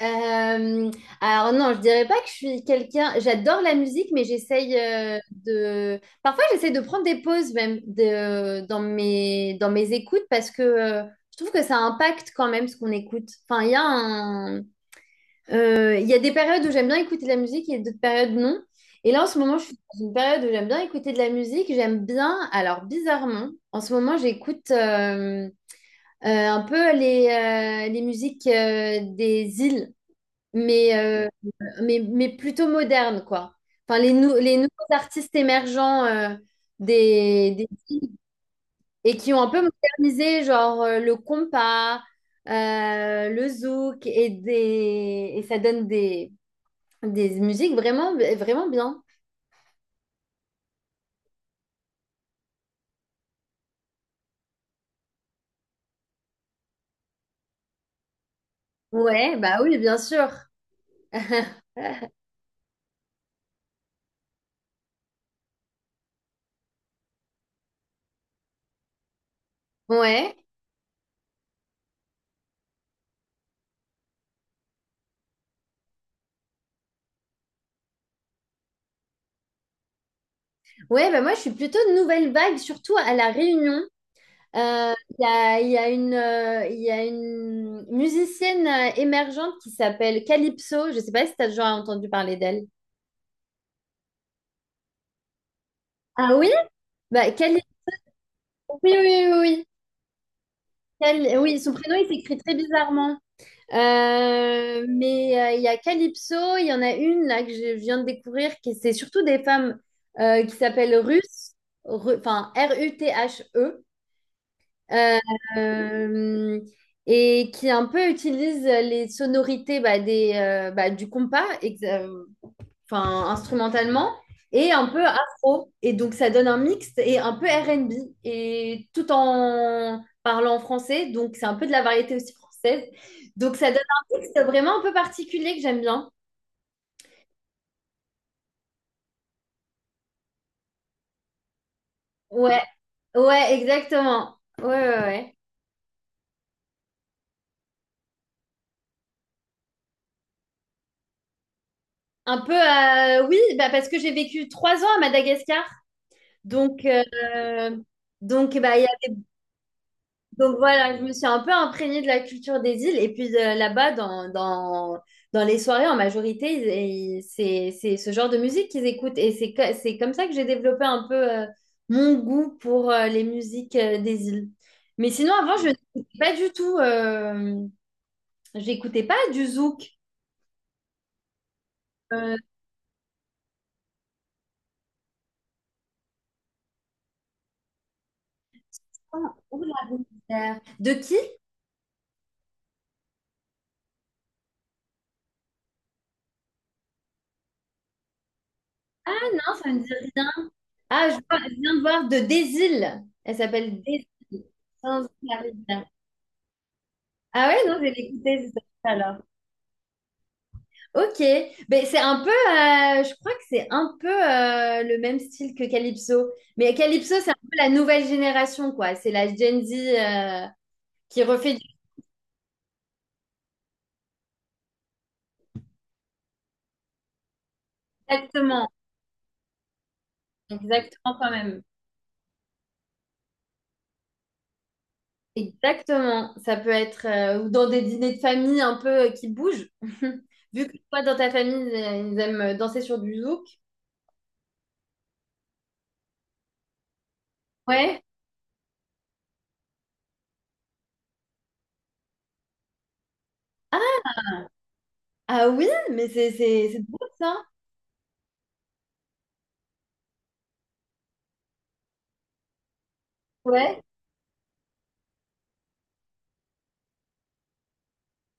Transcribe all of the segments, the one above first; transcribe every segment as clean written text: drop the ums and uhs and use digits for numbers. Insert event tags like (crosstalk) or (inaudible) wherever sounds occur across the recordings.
Euh, alors non, je dirais pas que je suis quelqu'un. J'adore la musique, mais j'essaye de. Parfois, j'essaye de prendre des pauses même de, dans mes écoutes parce que je trouve que ça impacte quand même ce qu'on écoute. Enfin, il y a des périodes où j'aime bien écouter de la musique et d'autres périodes non. Et là, en ce moment, je suis dans une période où j'aime bien écouter de la musique. J'aime bien. Alors bizarrement, en ce moment, j'écoute un peu les musiques des îles. Mais euh, mais plutôt moderne, quoi. Enfin, les nouveaux artistes émergents des, des et qui ont un peu modernisé, genre le compas, le zouk, et ça donne des musiques vraiment, vraiment bien. Ouais, bah oui, bien sûr. (laughs) Ouais, ouais, bah moi je suis plutôt de nouvelle vague, surtout à La Réunion. Il y a une, il y a une musicienne émergente qui s'appelle Calypso. Je ne sais pas si tu as déjà entendu parler d'elle. Ah oui? Bah. Oui, oui, oui. Oui. Oui. Oui, son prénom, il s'écrit très bizarrement. Mais il y a Calypso, il y en a une là que je viens de découvrir, qui c'est surtout des femmes qui s'appellent Ruth, enfin Ruthe. Euh, euh, et qui un peu utilise les sonorités bah, du compas, enfin, instrumentalement, et un peu afro. Et donc ça donne un mix et un peu R&B, et tout en parlant français, donc c'est un peu de la variété aussi française. Donc ça donne un mix vraiment un peu particulier que j'aime bien. Ouais, ouais, exactement. Ouais, ouais, ouais. Un peu, oui, bah, parce que j'ai vécu 3 ans à Madagascar. Donc, euh, donc, bah, il y a- donc voilà, je me suis un peu imprégnée de la culture des îles. Et puis là-bas, dans les soirées, en majorité, c'est ce genre de musique qu'ils écoutent. Et c'est comme ça que j'ai développé un peu mon goût pour les musiques des îles. Mais sinon, avant, je n'écoutais pas du tout, j'écoutais pas du zouk. Euh, oh, oh, la misère. De qui? Ah non, ça me dit. Ah, je viens de voir de Désil. Elle s'appelle Désil. Sans la rivière. Ah ouais, non, je vais l'écouter. C'est ça, alors. Ok, ben, c'est un peu, je crois que c'est un peu le même style que Calypso. Mais Calypso, c'est un peu la nouvelle génération, quoi. C'est la Gen Z qui refait du-. Exactement, exactement quand même. Exactement, ça peut être ou dans des dîners de famille un peu qui bougent. (laughs) Vu que toi, dans ta famille, ils aiment danser sur du zouk. Ouais. Ah oui, mais c'est drôle ça. Ouais.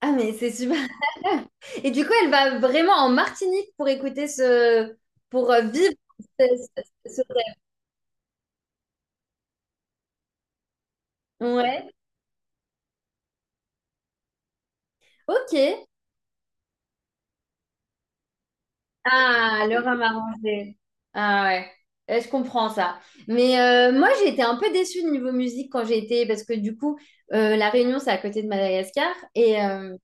Ah mais c'est super. (laughs) Et du coup, elle va vraiment en Martinique pour écouter ce pour vivre ce, ce rêve. Ouais. Ok. Ah, le rhum arrangé. Ah ouais, je comprends ça. Mais moi, j'ai été un peu déçue de niveau musique quand j'ai été, parce que du coup, La Réunion, c'est à côté de Madagascar. Et, euh,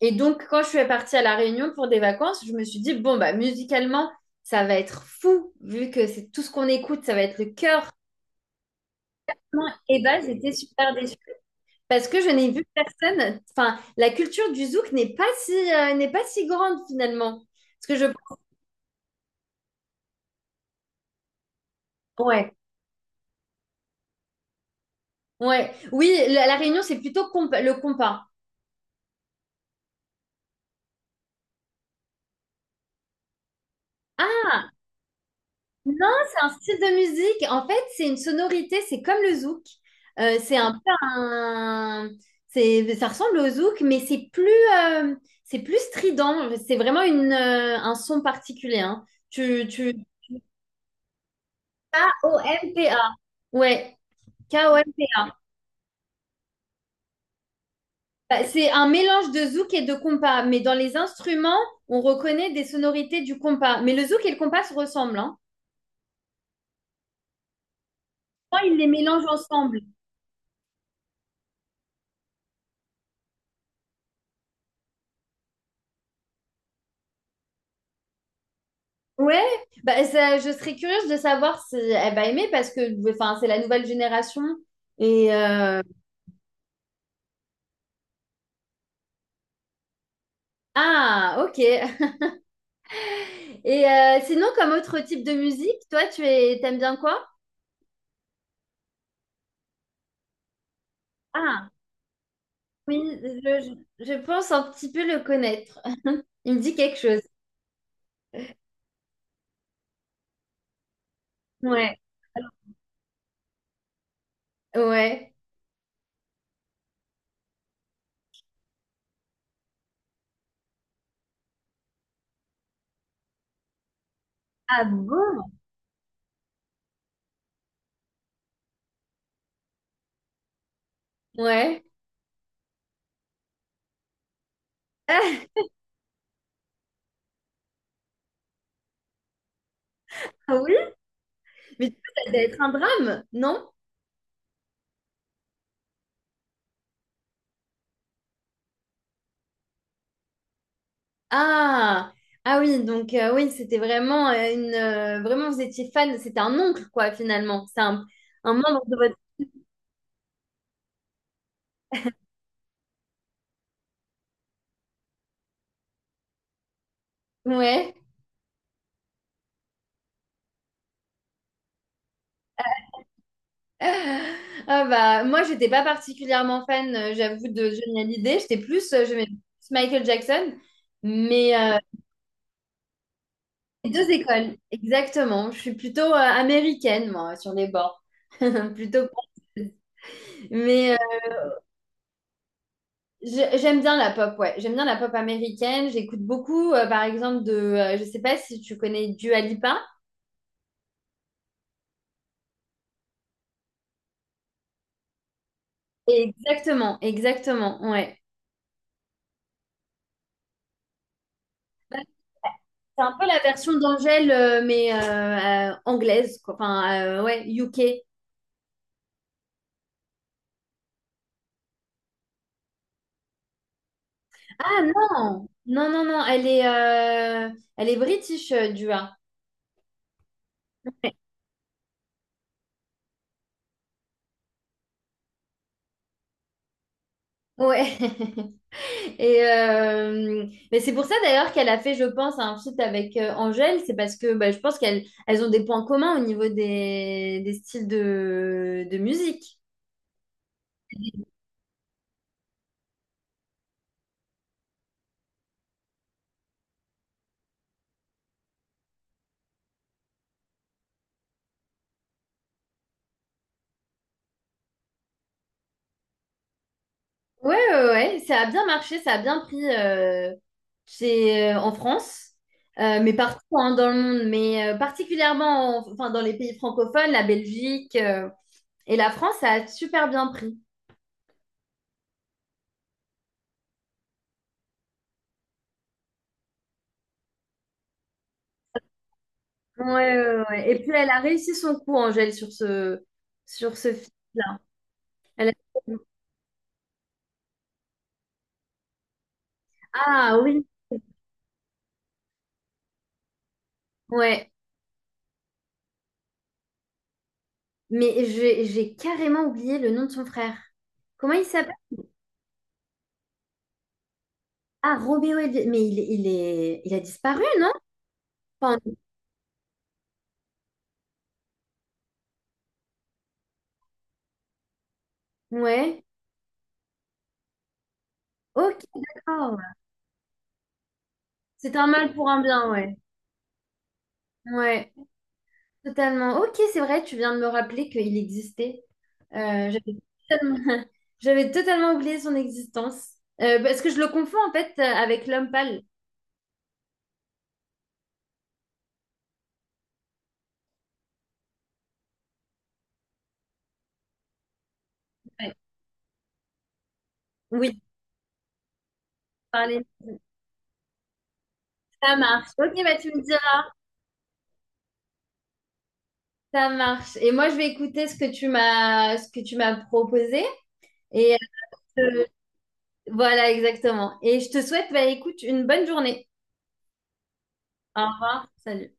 et donc, quand je suis partie à La Réunion pour des vacances, je me suis dit, bon, bah, musicalement, ça va être fou, vu que c'est tout ce qu'on écoute, ça va être le cœur. Et bah, j'étais super déçue. Parce que je n'ai vu personne. Enfin, la culture du zouk n'est pas si grande finalement. Parce que je... Ouais. Oui, la Réunion, c'est plutôt le compas. Ah, non, c'est un style de musique. En fait, c'est une sonorité, c'est comme le zouk. C'est un peu un... Ça ressemble au zouk, mais euh, c'est plus strident. C'est vraiment un son particulier, hein. Kompa. Ouais, Kompa. Bah, c'est un mélange de zouk et de compas. Mais dans les instruments, on reconnaît des sonorités du compas. Mais le zouk et le compas se ressemblent, hein. Souvent, ils les mélangent ensemble. Ouais, bah, je serais curieuse de savoir si elle va aimer parce que enfin, c'est la nouvelle génération. Et euh, Ah, ok. Et sinon, comme autre type de musique, toi, t'aimes bien quoi? Ah, oui, je pense un petit peu le connaître. Il me dit quelque chose. Ouais. Ouais. Ah bon? Ouais. (laughs) Ah oui? Mais du coup, ça doit être un drame, non? Ah, ah oui, donc oui, c'était vraiment vous étiez fan, c'était un oncle quoi finalement, c'est un membre de votre ouais. (laughs) Ah bah moi j'étais pas particulièrement fan, j'avoue de Johnny Hallyday, j'étais plus j'aimais plus Michael Jackson, mais les deux écoles exactement, je suis plutôt américaine moi sur les bords, (laughs) plutôt. Mais j'aime bien la pop, ouais. J'aime bien la pop américaine. J'écoute beaucoup, par exemple, je sais pas si tu connais Dua Lipa. Exactement, exactement, ouais. C'est un peu la version d'Angèle, mais anglaise, quoi. Enfin, ouais, UK. Ah non, non, non, non, elle est british, Dua. Ouais. (laughs) Mais c'est pour ça d'ailleurs qu'elle a fait, je pense, un feat avec Angèle. C'est parce que bah, je pense qu'elles ont des points communs au niveau des styles de musique. Ouais, ouais, ouais, ça a bien marché, ça a bien pris en France, mais partout hein, dans le monde, mais particulièrement enfin, dans les pays francophones, la Belgique et la France, ça a super bien pris. Ouais, ouais, ouais. Et puis elle a réussi son coup, Angèle, sur ce, feat-là. Elle a Ah oui, ouais. Mais j'ai carrément oublié le nom de son frère. Comment il s'appelle? Ah, Robéo Elvi-. Mais il a disparu, non? Enfin, ouais. Ok, d'accord. C'est un mal pour un bien, ouais. Ouais, totalement. Ok, c'est vrai, tu viens de me rappeler qu'il existait. Euh, j'avais totalement, (laughs) j'avais totalement oublié son existence. Parce que je le confonds en fait avec l'homme pâle. Ouais. Oui, parler. Ça marche. Ok, bah tu me dis. Ça marche. Et moi, je vais écouter ce que tu m'as proposé. Et euh, voilà, exactement. Et je te souhaite, bah, écoute, une bonne journée. Au revoir. Salut.